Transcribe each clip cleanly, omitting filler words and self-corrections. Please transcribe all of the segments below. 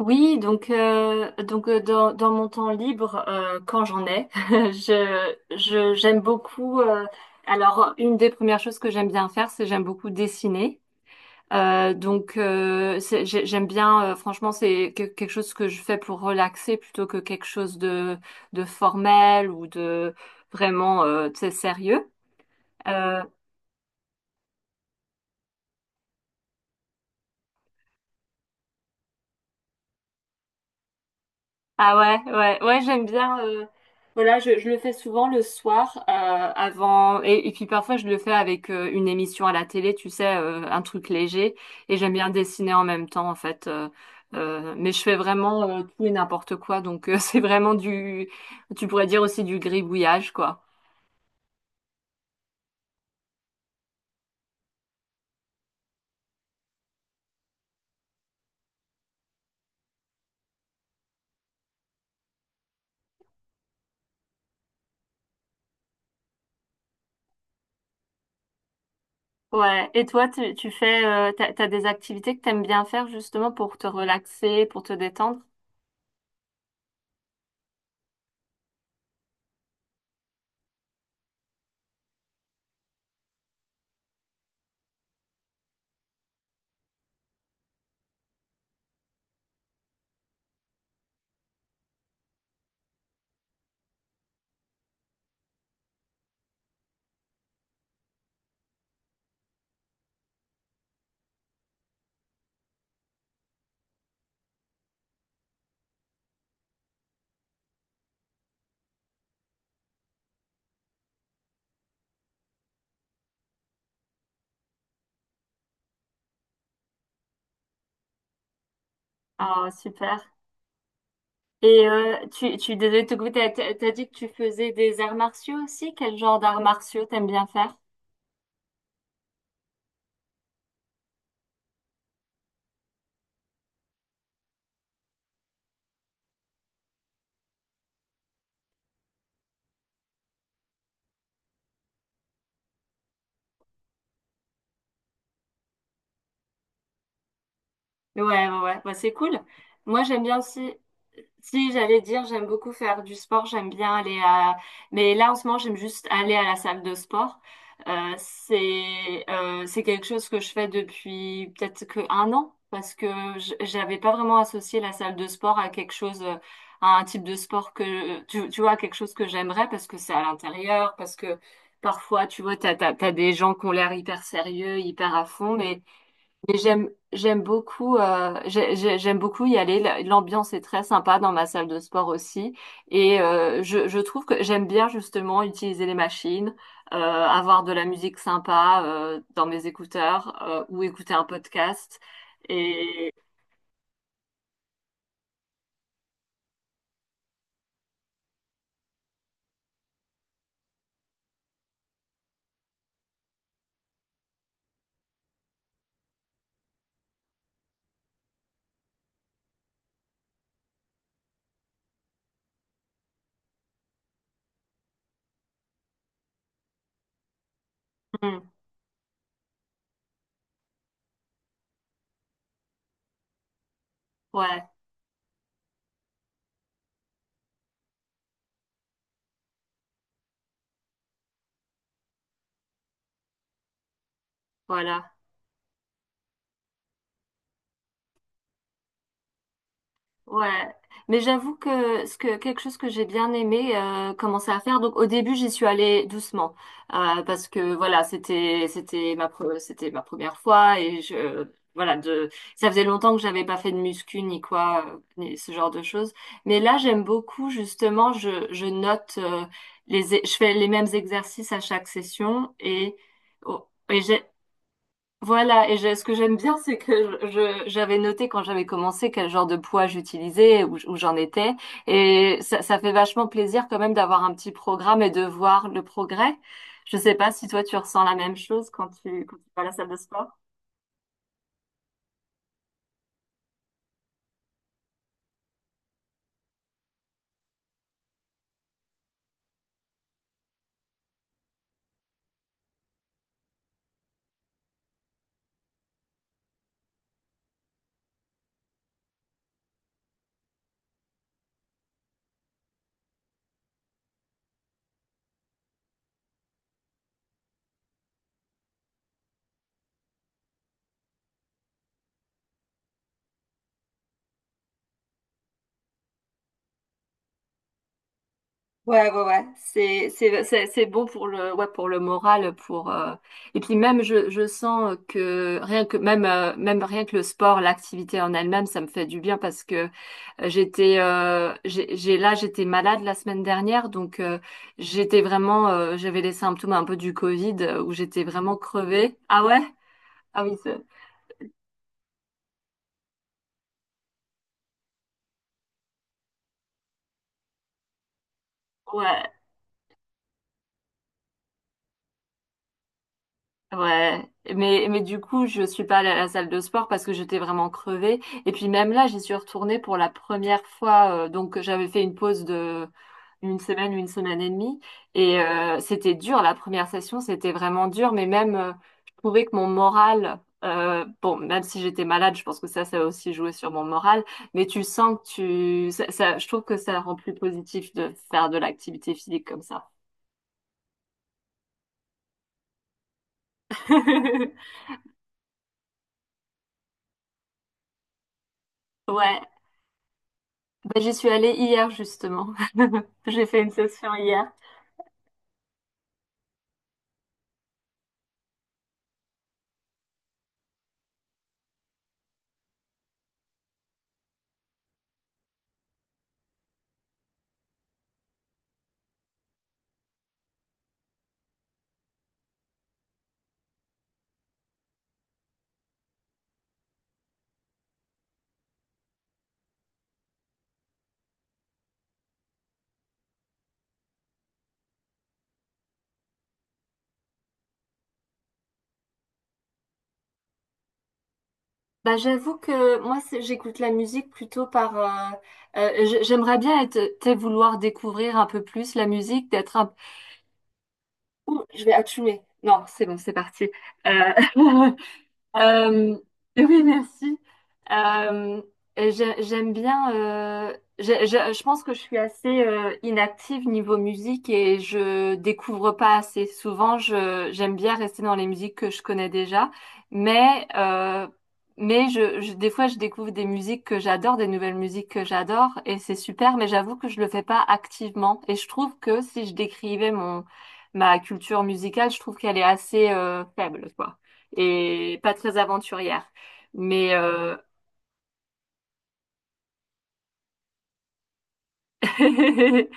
Oui, dans mon temps libre, quand j'en ai, je j'aime beaucoup. Alors une des premières choses que j'aime bien faire, c'est j'aime beaucoup dessiner. Donc c'est- j'ai- j'aime bien. Franchement, quelque chose que je fais pour relaxer plutôt que quelque chose de formel ou de vraiment tu sais, sérieux. Euh, Ah ouais, ouais, ouais, j'aime bien. Voilà, je le fais souvent le soir et puis parfois je le fais avec une émission à la télé, tu sais, un truc léger. Et j'aime bien dessiner en même temps, en fait. Mais je fais vraiment tout et n'importe quoi, c'est vraiment du, tu pourrais dire aussi du gribouillage, quoi. Ouais. Et toi, tu fais, t'as des activités que t'aimes bien faire justement pour te relaxer, pour te détendre? Ah super. Et désolée de te goûter, t'as dit que tu faisais des arts martiaux aussi? Quel genre d'arts martiaux t'aimes bien faire? Ouais, ouais, ouais, bah, c'est cool. Moi, j'aime bien aussi. Si, j'allais dire, j'aime beaucoup faire du sport, j'aime bien aller à… Mais là, en ce moment, j'aime juste aller à la salle de sport. C'est quelque chose que je fais depuis peut-être que un an, parce que j'avais pas vraiment associé la salle de sport à quelque chose, à un type de sport que, tu vois, quelque chose que j'aimerais, parce que c'est à l'intérieur, parce que parfois, tu vois, t'as des gens qui ont l'air hyper sérieux, hyper à fond, mais mais j'aime beaucoup y aller. L'ambiance est très sympa dans ma salle de sport aussi. Et je trouve que j'aime bien justement utiliser les machines, avoir de la musique sympa dans mes écouteurs ou écouter un podcast. Et Hmm, ouais, voilà. Ouais, mais j'avoue que ce que quelque chose que j'ai bien aimé commencer à faire. Donc au début j'y suis allée doucement parce que voilà c'était c'était ma première fois et je voilà de ça faisait longtemps que j'avais pas fait de muscu ni quoi ni ce genre de choses. Mais là j'aime beaucoup justement je note je fais les mêmes exercices à chaque session et oh, et j'ai voilà, ce que j'aime bien, c'est que j'avais noté quand j'avais commencé quel genre de poids j'utilisais, où j'en étais, et ça fait vachement plaisir quand même d'avoir un petit programme et de voir le progrès. Je sais pas si toi tu ressens la même chose quand tu vas à la salle de sport. C'est bon pour le, ouais, pour le moral, et puis même, je sens que rien que, même, même rien que le sport, l'activité en elle-même, ça me fait du bien parce que là, j'étais malade la semaine dernière, j'étais vraiment, j'avais les symptômes un peu du Covid où j'étais vraiment crevée. Ah ouais? Ah oui, ouais. Ouais, mais du coup, je suis pas allée à la salle de sport parce que j'étais vraiment crevée. Et puis même là, j'y suis retournée pour la première fois. Donc j'avais fait une pause de une semaine et demie. Et c'était dur, la première session, c'était vraiment dur. Mais même, je trouvais que mon moral, bon, même si j'étais malade, je pense que ça a aussi joué sur mon moral. Mais tu sens que tu… Je trouve que ça rend plus positif de faire de l'activité physique comme ça. Ouais. Bah, j'y suis allée hier justement. J'ai fait une session hier. Bah, j'avoue que moi j'écoute la musique plutôt. J'aimerais bien être, tu sais, vouloir découvrir un peu plus la musique, d'être un. Ouh, je vais attumer. Non, c'est bon, c'est parti. Euh, Euh, oui, merci. Euh, j'ai- j'aime bien. J'ai- Je pense que je suis assez inactive niveau musique et je découvre pas assez souvent. J'aime bien rester dans les musiques que je connais déjà, mais des fois je découvre des musiques que j'adore, des nouvelles musiques que j'adore et c'est super. Mais j'avoue que je le fais pas activement et je trouve que si je décrivais mon ma culture musicale, je trouve qu'elle est assez faible, quoi, et pas très aventurière. Mais euh,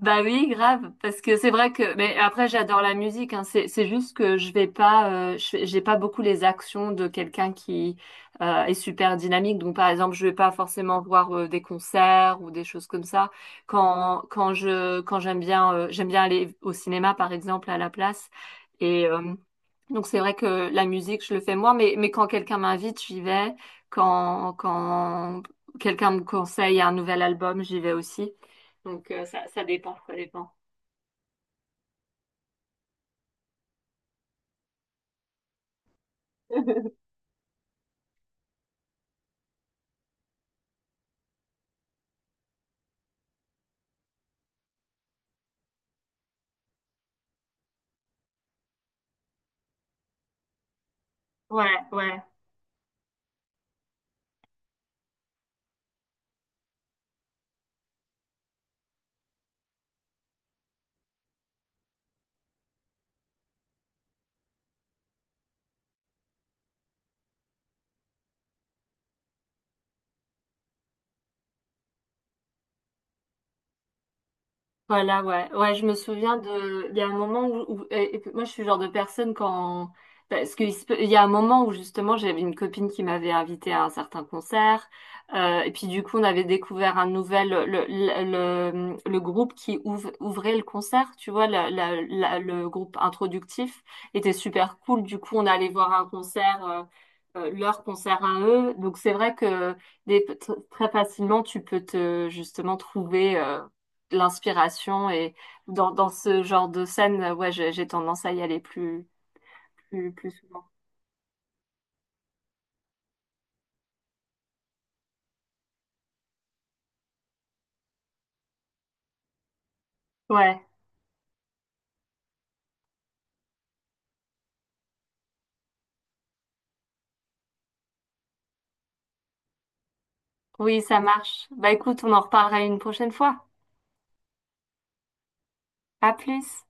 Bah oui, grave, parce que c'est vrai que. Mais après, j'adore la musique. Hein. C'est juste que je vais pas, je j'ai pas beaucoup les actions de quelqu'un qui est super dynamique. Donc par exemple, je vais pas forcément voir des concerts ou des choses comme ça. Quand j'aime bien aller au cinéma par exemple à la place. Et euh, Donc c'est vrai que la musique, je le fais moi, mais quand quelqu'un m'invite, j'y vais. Quand quelqu'un me conseille un nouvel album, j'y vais aussi. Ça dépend, ça dépend. Ouais, ouais. Voilà, ouais. Ouais, je me souviens de… Il y a un moment où… et puis moi, je suis le genre de personne quand… Parce qu'il y a un moment où, justement, j'avais une copine qui m'avait invitée à un certain concert. Et puis, du coup, on avait découvert un nouvel… Le groupe qui ouvrait le concert, tu vois, le groupe introductif était super cool. Du coup, on allait voir un concert… leur concert à eux. Donc c'est vrai que très facilement tu peux te justement trouver l'inspiration et dans ce genre de scène, ouais, j'ai tendance à y aller plus souvent. Ouais, oui, ça marche. Bah écoute, on en reparlera une prochaine fois. À plus.